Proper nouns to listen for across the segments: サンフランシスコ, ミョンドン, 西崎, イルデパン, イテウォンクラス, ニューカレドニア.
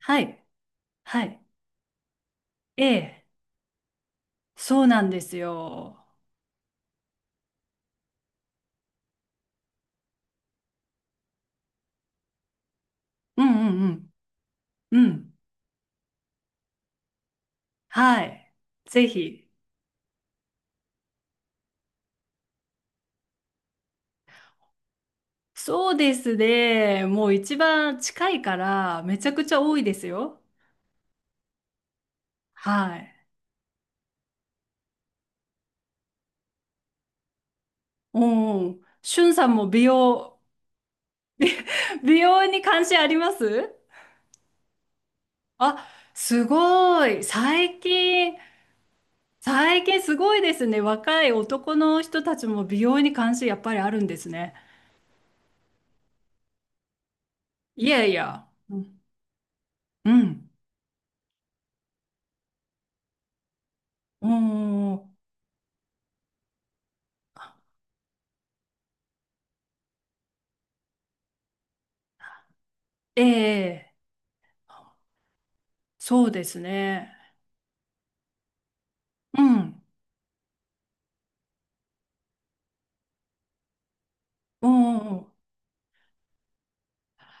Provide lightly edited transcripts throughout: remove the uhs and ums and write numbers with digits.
はい。はい。ええ。そうなんですよ。うんうんうん。うん。はい。ぜひ。そうですね。もう一番近いから、めちゃくちゃ多いですよ。はい。うんうん。しゅんさんも美容、美容に関心ありますあ、すごい。最近、最近すごいですね。若い男の人たちも美容に関心やっぱりあるんですね。いやいや。うん。うん。うんうんうんええ、そうですね。うん。うん。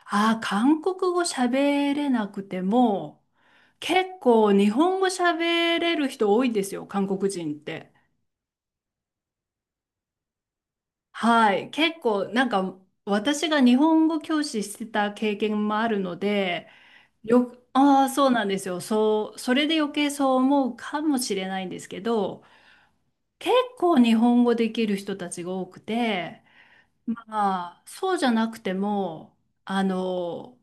ああ、韓国語喋れなくても、結構日本語喋れる人多いんですよ、韓国人って。はい。結構、なんか、私が日本語教師してた経験もあるので、よ、ああ、そうなんですよ。そう、それで余計そう思うかもしれないんですけど、結構日本語できる人たちが多くて、ああ、そうじゃなくても、あの、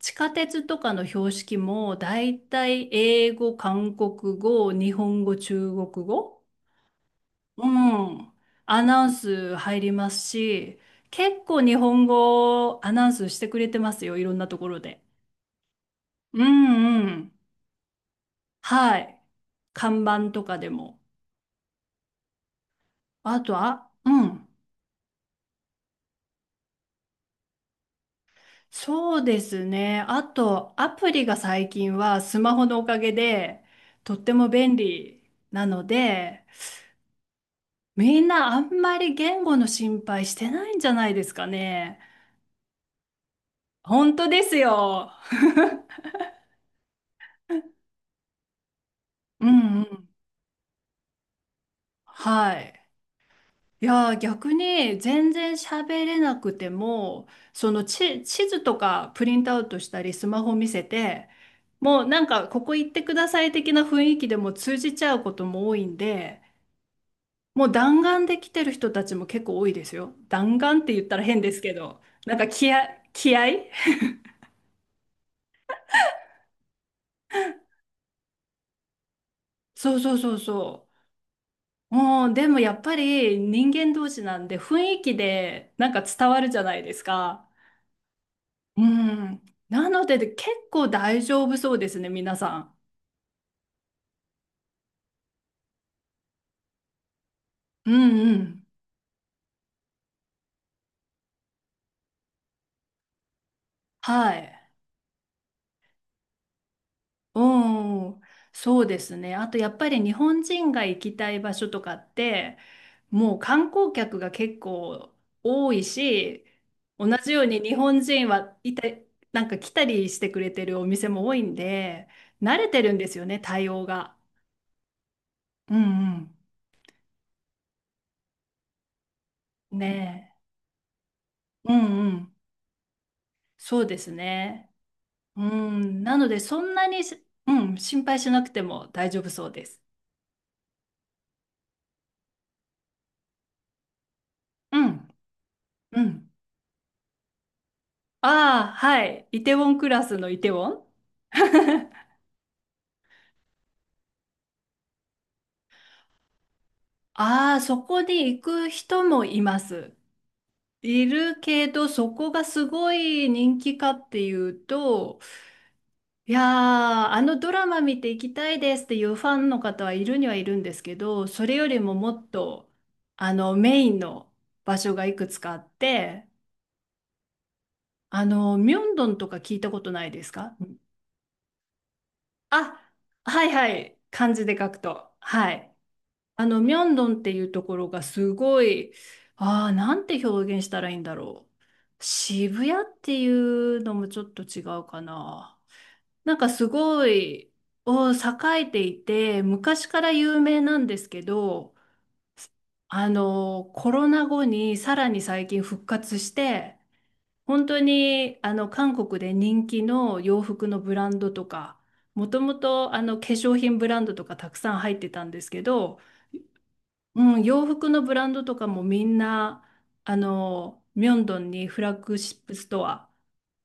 地下鉄とかの標識も、だいたい英語、韓国語、日本語、中国語、うん、アナウンス入りますし、結構日本語アナウンスしてくれてますよ、いろんなところで。うんうん。はい。看板とかでも。あとは、うん。そうですね。あと、アプリが最近はスマホのおかげでとっても便利なので、みんなあんまり言語の心配してないんじゃないですかね。本当ですよ。うんうん。はい。いやー、逆に全然喋れなくても、その地図とかプリントアウトしたりスマホ見せて、もうなんかここ行ってください的な雰囲気でも通じちゃうことも多いんで、もう弾丸で来てる人たちも結構多いですよ。弾丸って言ったら変ですけど、なんか気合そうそうそうそう。もう、でもやっぱり人間同士なんで雰囲気でなんか伝わるじゃないですか。うん。なので結構大丈夫そうですね、皆さん。うんうん。はい。うん、そうですね。あとやっぱり日本人が行きたい場所とかって、もう観光客が結構多いし、同じように日本人はいた、なんか来たりしてくれてるお店も多いんで、慣れてるんですよね、対応が。うんうん。ねえ。うんうん。そうですね。うん。なのでそんなにし、うん、心配しなくても大丈夫そうです。うん。うん。ああ、はい。イテウォンクラスのイテウォン ああ、そこに行く人もいます。いるけど、そこがすごい人気かっていうと、いやー、あのドラマ見て行きたいですっていうファンの方はいるにはいるんですけど、それよりももっと、あの、メインの場所がいくつかあって、あの、ミョンドンとか聞いたことないですかあ、はいはい、漢字で書くと。はい。あの、ミョンドンっていうところがすごい、ああ、なんて表現したらいいんだろう。渋谷っていうのもちょっと違うかな。なんかすごい、お栄えていて、昔から有名なんですけど、あの、コロナ後にさらに最近復活して、本当に、あの、韓国で人気の洋服のブランドとか、もともと、あの、化粧品ブランドとかたくさん入ってたんですけど、うん、洋服のブランドとかもみんな、あの、ミョンドンにフラッグシップストア、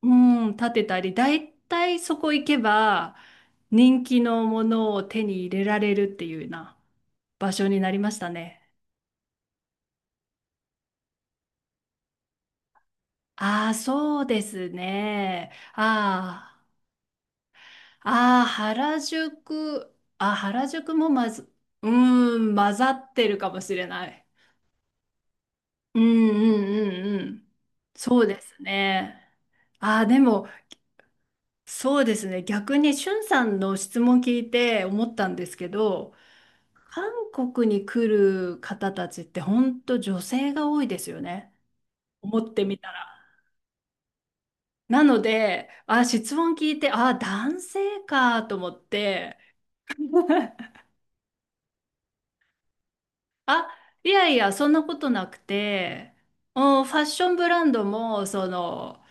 うん、建てたり、だいたいそこ行けば、人気のものを手に入れられるっていうような場所になりましたね。ああ、そうですね。ああ、ああ、原宿、あ、原宿もまず、うーん、混ざってるかもしれない。うんうんうんうん。そうですね。ああ、でも、そうですね。逆に、しゅんさんの質問聞いて思ったんですけど、韓国に来る方たちって本当女性が多いですよね。思ってみたら。なので、あ、質問聞いて、あ、男性かと思って、あ、いやいや、そんなことなくて、うんファッションブランドも、その、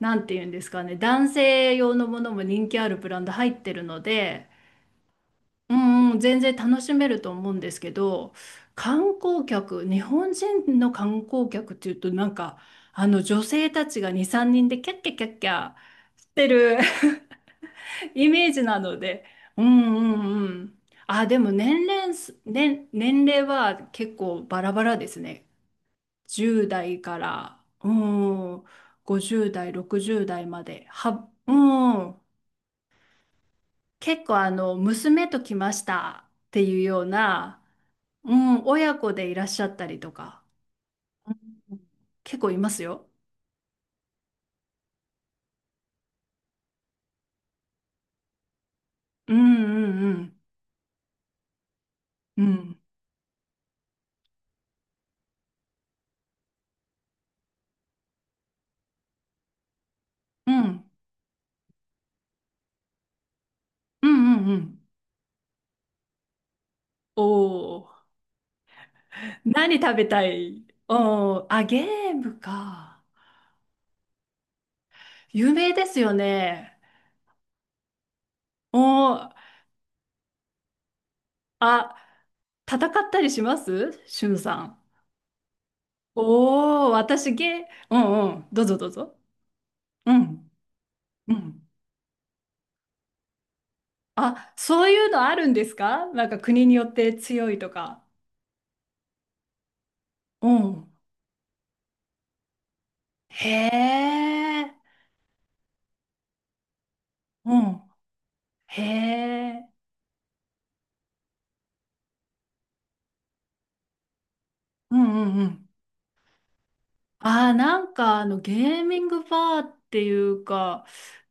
なんていうんですかね、男性用のものも人気あるブランド入ってるので、うんうん、全然楽しめると思うんですけど、観光客、日本人の観光客っていうと、なんか、あの女性たちが2、3人でキャッキャキャッキャしてる イメージなので、うんうんうん。あ、でも年齢は結構バラバラですね。10代から、うん、50代、60代まで。は、うん、結構あの、娘と来ましたっていうような、うん、親子でいらっしゃったりとか、うん結構いますよ。うんうんうん。うん。うんうんうん。おお何食べたいおおあ、ゲームか。有名ですよね。おおあ、戦ったりしますしゅんさん。おお私ゲー、うんうん。どうぞどうぞ。うん。うん。あ、そういうのあるんですかなんか国によって強いとか。うん。へえ。うん。へえ。うんうんうん。ああ、なんかあのゲーミングバーっていうか、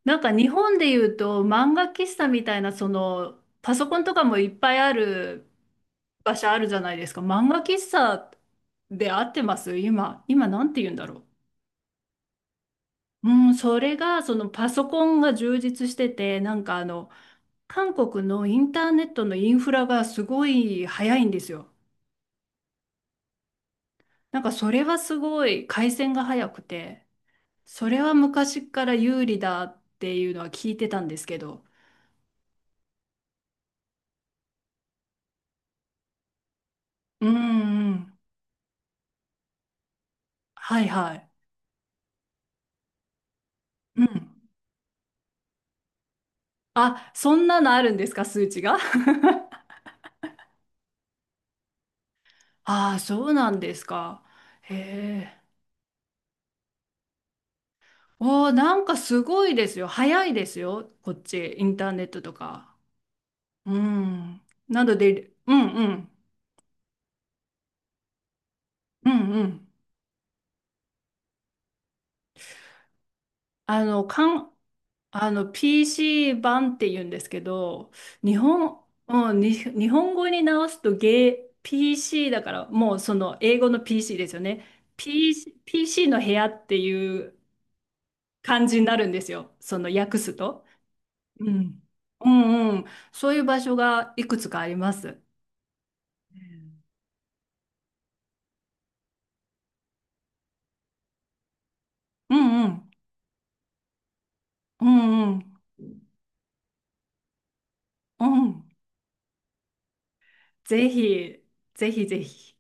なんか日本で言うと漫画喫茶みたいな、そのパソコンとかもいっぱいある場所あるじゃないですか。漫画喫茶で合ってます今、今なんて言うんだろう。うん、それがそのパソコンが充実してて、なんかあの、韓国のインターネットのインフラがすごい早いんですよ。なんかそれはすごい回線が早くて。それは昔から有利だっていうのは聞いてたんですけど。うんうん。はいはい。うん。あ、そんなのあるんですか、数値が。ああ、そうなんですか。へえ。おー、なんかすごいですよ。早いですよ。こっち、インターネットとか。うん。なので、うんうん。うんうん。あの、かん、あの PC 版って言うんですけど、日本、うん、に日本語に直すとゲー PC だからもうその英語の PC ですよね。PC、PC の部屋っていう感じになるんですよ。その訳すと。うん。うんうん。そういう場所がいくつかあります。うんうん。うんうん。うん。ぜひ、ぜひぜひ。